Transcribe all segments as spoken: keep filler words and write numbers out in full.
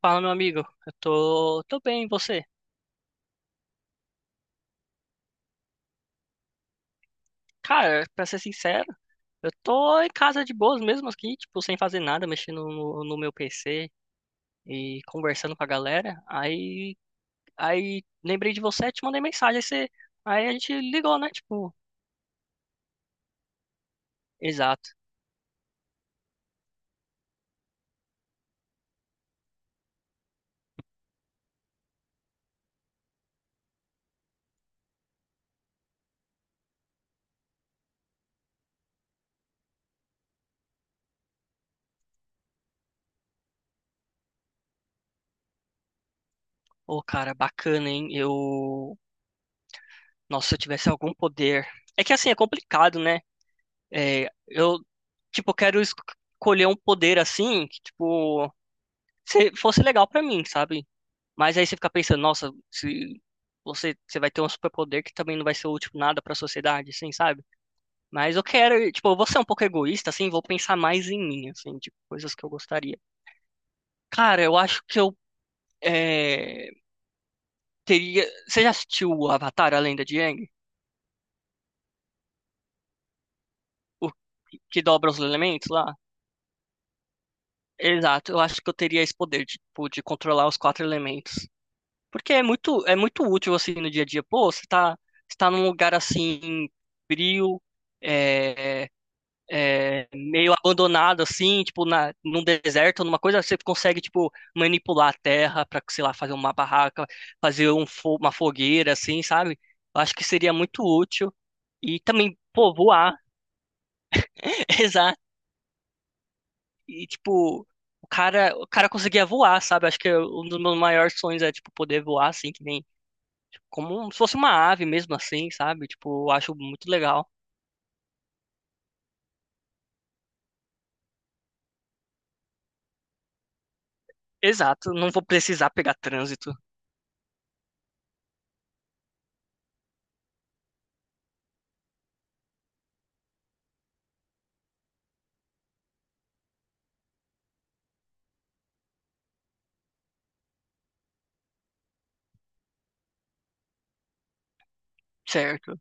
Fala, meu amigo. Eu tô, tô bem, e você? Cara, pra ser sincero, eu tô em casa de boas mesmo aqui, tipo, sem fazer nada, mexendo no, no meu P C e conversando com a galera. Aí, aí lembrei de você, te mandei mensagem, aí, você, aí a gente ligou, né? Tipo, exato. Ô, cara, bacana, hein? Eu. Nossa, se eu tivesse algum poder. É que assim, é complicado, né? É, eu, tipo, quero escolher um poder assim, que, tipo, se- fosse legal pra mim, sabe? Mas aí você fica pensando, nossa, se você, você vai ter um superpoder que também não vai ser útil nada pra sociedade, assim, sabe? Mas eu quero, tipo, eu vou ser um pouco egoísta, assim, vou pensar mais em mim, assim, de coisas que eu gostaria. Cara, eu acho que eu é, teria. Você já assistiu o Avatar, a Lenda de Aang? O que dobra os elementos lá? Exato, eu acho que eu teria esse poder, de, tipo, de controlar os quatro elementos. Porque é muito, é muito útil, assim, no dia a dia. Pô, você tá, você tá num lugar assim, frio. eh, é, meio abandonado assim, tipo na, num deserto, numa coisa, você consegue tipo manipular a terra para, sei lá, fazer uma barraca, fazer um fo- uma fogueira assim, sabe? Eu acho que seria muito útil e também, pô, voar, exato. E tipo, o cara, o cara conseguia voar, sabe? Acho que é um dos meus maiores sonhos é tipo poder voar assim, que nem como se fosse uma ave mesmo assim, sabe? Tipo, eu acho muito legal. Exato, não vou precisar pegar trânsito, certo?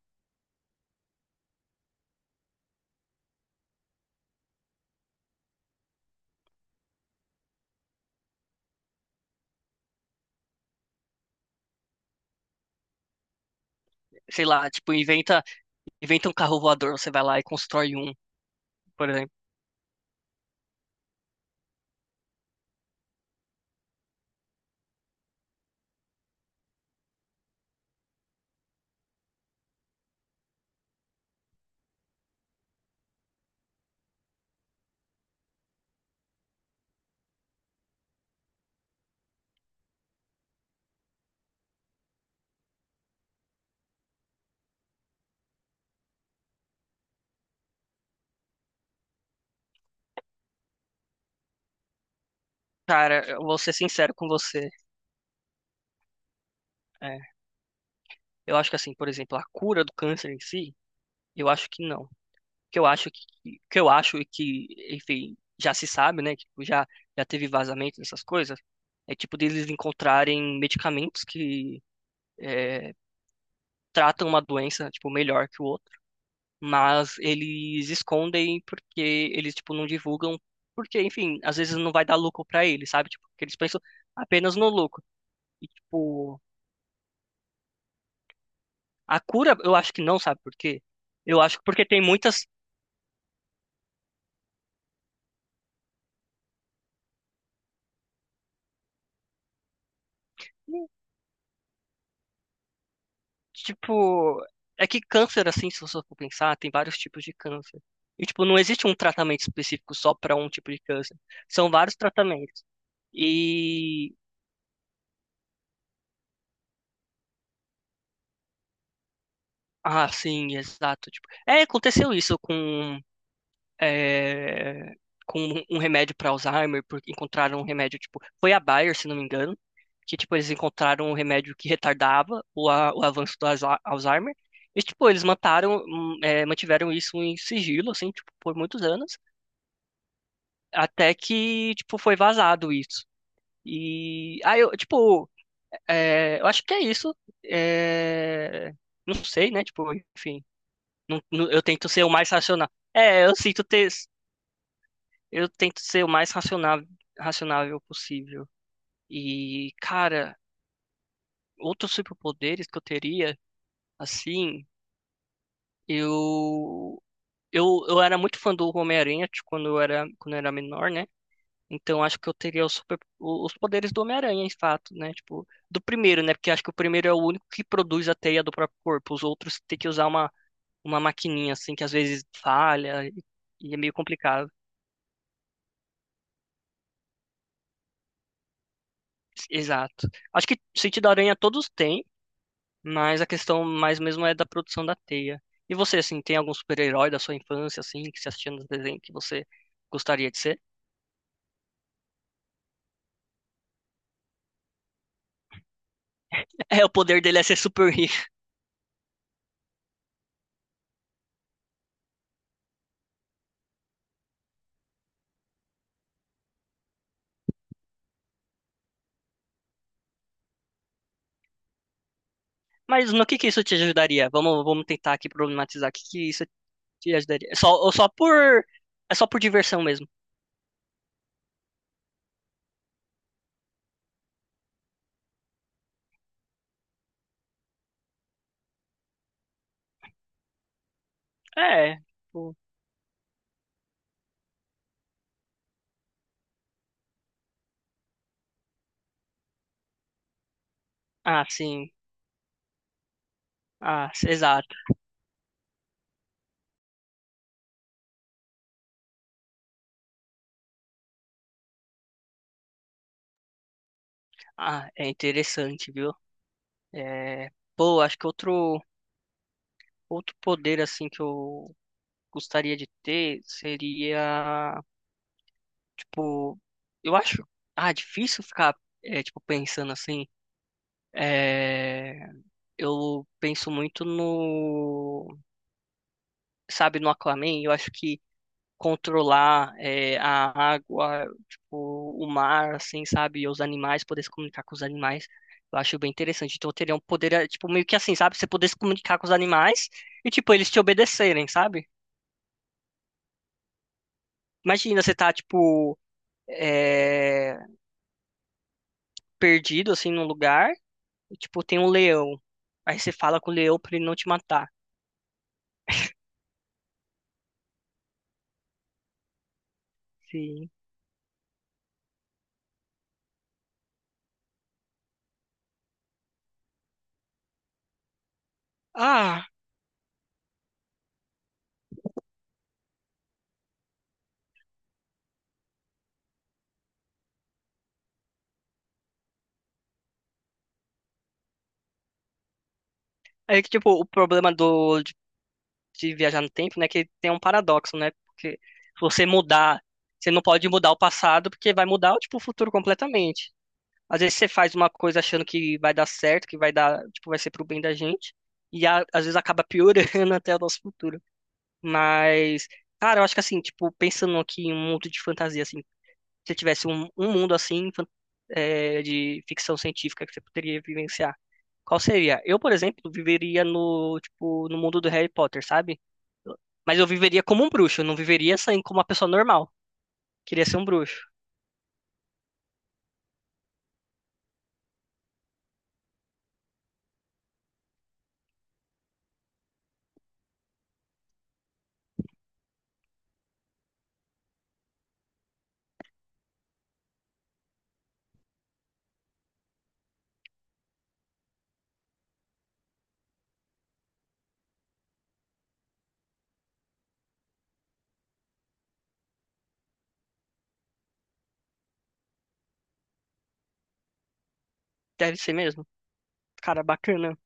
Sei lá, tipo, inventa inventa um carro voador, você vai lá e constrói um, por exemplo. Cara, eu vou ser sincero com você. É, eu acho que assim, por exemplo, a cura do câncer em si, eu acho que não. Que eu acho que, que eu acho e que, enfim, já se sabe, né? Tipo, já já teve vazamento dessas coisas. É tipo deles encontrarem medicamentos que é, tratam uma doença, tipo, melhor que o outro, mas eles escondem porque eles, tipo, não divulgam, porque, enfim, às vezes não vai dar lucro pra eles, sabe? Tipo, porque eles pensam apenas no lucro. E, tipo, a cura, eu acho que não, sabe por quê? Eu acho que porque tem muitas, tipo, é que câncer, assim, se você for pensar, tem vários tipos de câncer. E, tipo, não existe um tratamento específico só para um tipo de câncer. São vários tratamentos. E, ah, sim, exato. Tipo, é, aconteceu isso com é, com um um remédio para Alzheimer, porque encontraram um remédio, tipo, foi a Bayer, se não me engano, que, tipo, eles encontraram um remédio que retardava o, a- o avanço do Alza- Alzheimer. E, tipo, eles mataram, hum, é, mantiveram isso em sigilo, assim, tipo, por muitos anos, até que, tipo, foi vazado isso. E aí, eu, tipo, é, eu acho que é isso. É, não sei, né? Tipo, enfim, não- não- eu tento ser o mais racional. É, eu sinto ter, Eu tento ser o mais racional, racionável possível. E, cara, outros superpoderes que eu teria, assim, eu eu, eu era muito fã do Homem-Aranha tipo, quando eu era quando eu era menor, né? Então acho que eu teria os, super, o- os poderes do Homem-Aranha, em fato, né? Tipo, do primeiro, né? Porque acho que o primeiro é o único que produz a teia do próprio corpo. Os outros têm que usar uma uma maquininha assim que às vezes falha e, e é meio complicado. Exato. Acho que sentido da aranha todos têm. Mas a questão mais mesmo é da produção da teia. E você, assim, tem algum super-herói da sua infância, assim, que você assistia nos desenhos que você gostaria de ser? É, o poder dele é ser super rico. Mas no que que isso te ajudaria? Vamos, vamos tentar aqui problematizar. O que que isso te ajudaria? É só, ou só por... É só por diversão mesmo. É. Tipo, ah, sim. Ah, s- exato. Ah, é interessante, viu? É... Pô, acho que outro, outro poder, assim, que eu gostaria de ter seria... Tipo, eu acho, ah, difícil ficar, é, tipo, pensando assim. É, eu penso muito no, sabe, no Aquaman. Eu acho que controlar, é, a água, tipo, o mar, assim, sabe, e os animais, poder se comunicar com os animais. Eu acho bem interessante. Então, eu teria um poder, é, tipo, meio que assim, sabe? Você poder se comunicar com os animais e, tipo, eles te obedecerem, sabe? Imagina, você tá, tipo, é, perdido, assim, num lugar. Tipo, tem um leão. Aí você fala com o leão pra ele não te matar. Sim. Ah, aí que, tipo, o problema do, de, de viajar no tempo, né, que tem um paradoxo, né? Porque se você mudar, você não pode mudar o passado, porque vai mudar, tipo, o futuro completamente. Às vezes você faz uma coisa achando que vai dar certo, que vai dar, tipo, vai ser pro bem da gente, e a- às vezes acaba piorando até o nosso futuro. Mas, cara, eu acho que assim, tipo, pensando aqui em um mundo de fantasia, assim, se tivesse um, um mundo assim fan- é, de ficção científica que você poderia vivenciar? Qual seria? Eu, por exemplo, viveria no, tipo, no mundo do Harry Potter, sabe? Eu- Mas eu viveria como um bruxo, eu não viveria assim como uma pessoa normal. Queria ser um bruxo. Deve ser mesmo. Cara, bacana.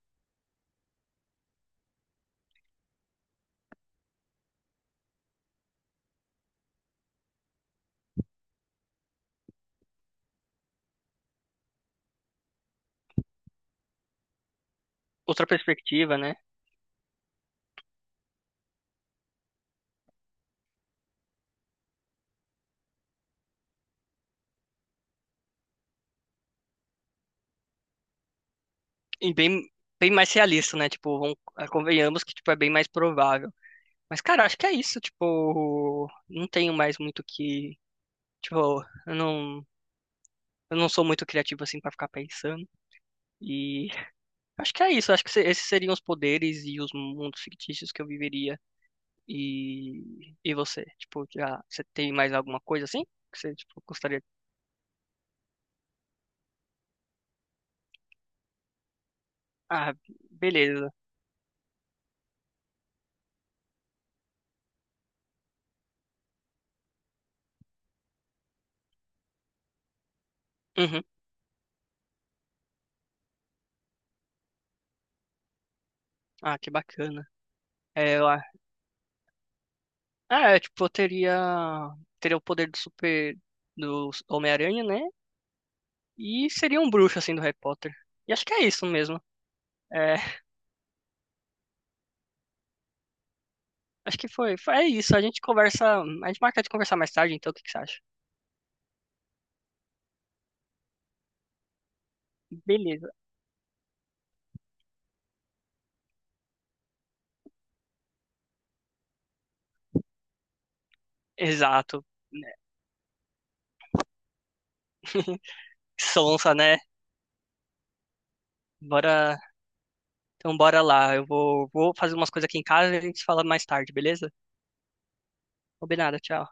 Outra perspectiva, né? E bem, bem mais realista, né? Tipo, vamos- eh, convenhamos que tipo, é bem mais provável. Mas, cara, acho que é isso. Tipo, não tenho mais muito o que. Tipo, eu não, eu não sou muito criativo assim pra ficar pensando. E acho que é isso. Acho que se- esses seriam os poderes e os mundos fictícios que eu viveria. E, e você? Tipo, já, você tem mais alguma coisa assim? Que você, tipo, gostaria. Ah, beleza. Uhum. Ah, que bacana. É, lá. Ah, é, tipo, eu teria. Teria o poder do super. Do Homem-Aranha, né? E seria um bruxo, assim, do Harry Potter. E acho que é isso mesmo. É, acho que foi, foi. É isso. A gente conversa. A gente marca de conversar mais tarde, então o que que você acha? Beleza. Exato. Né? Sonsa, né? Bora. Então bora lá. Eu vou, vou fazer umas coisas aqui em casa e a gente se fala mais tarde, beleza? Combinado, tchau.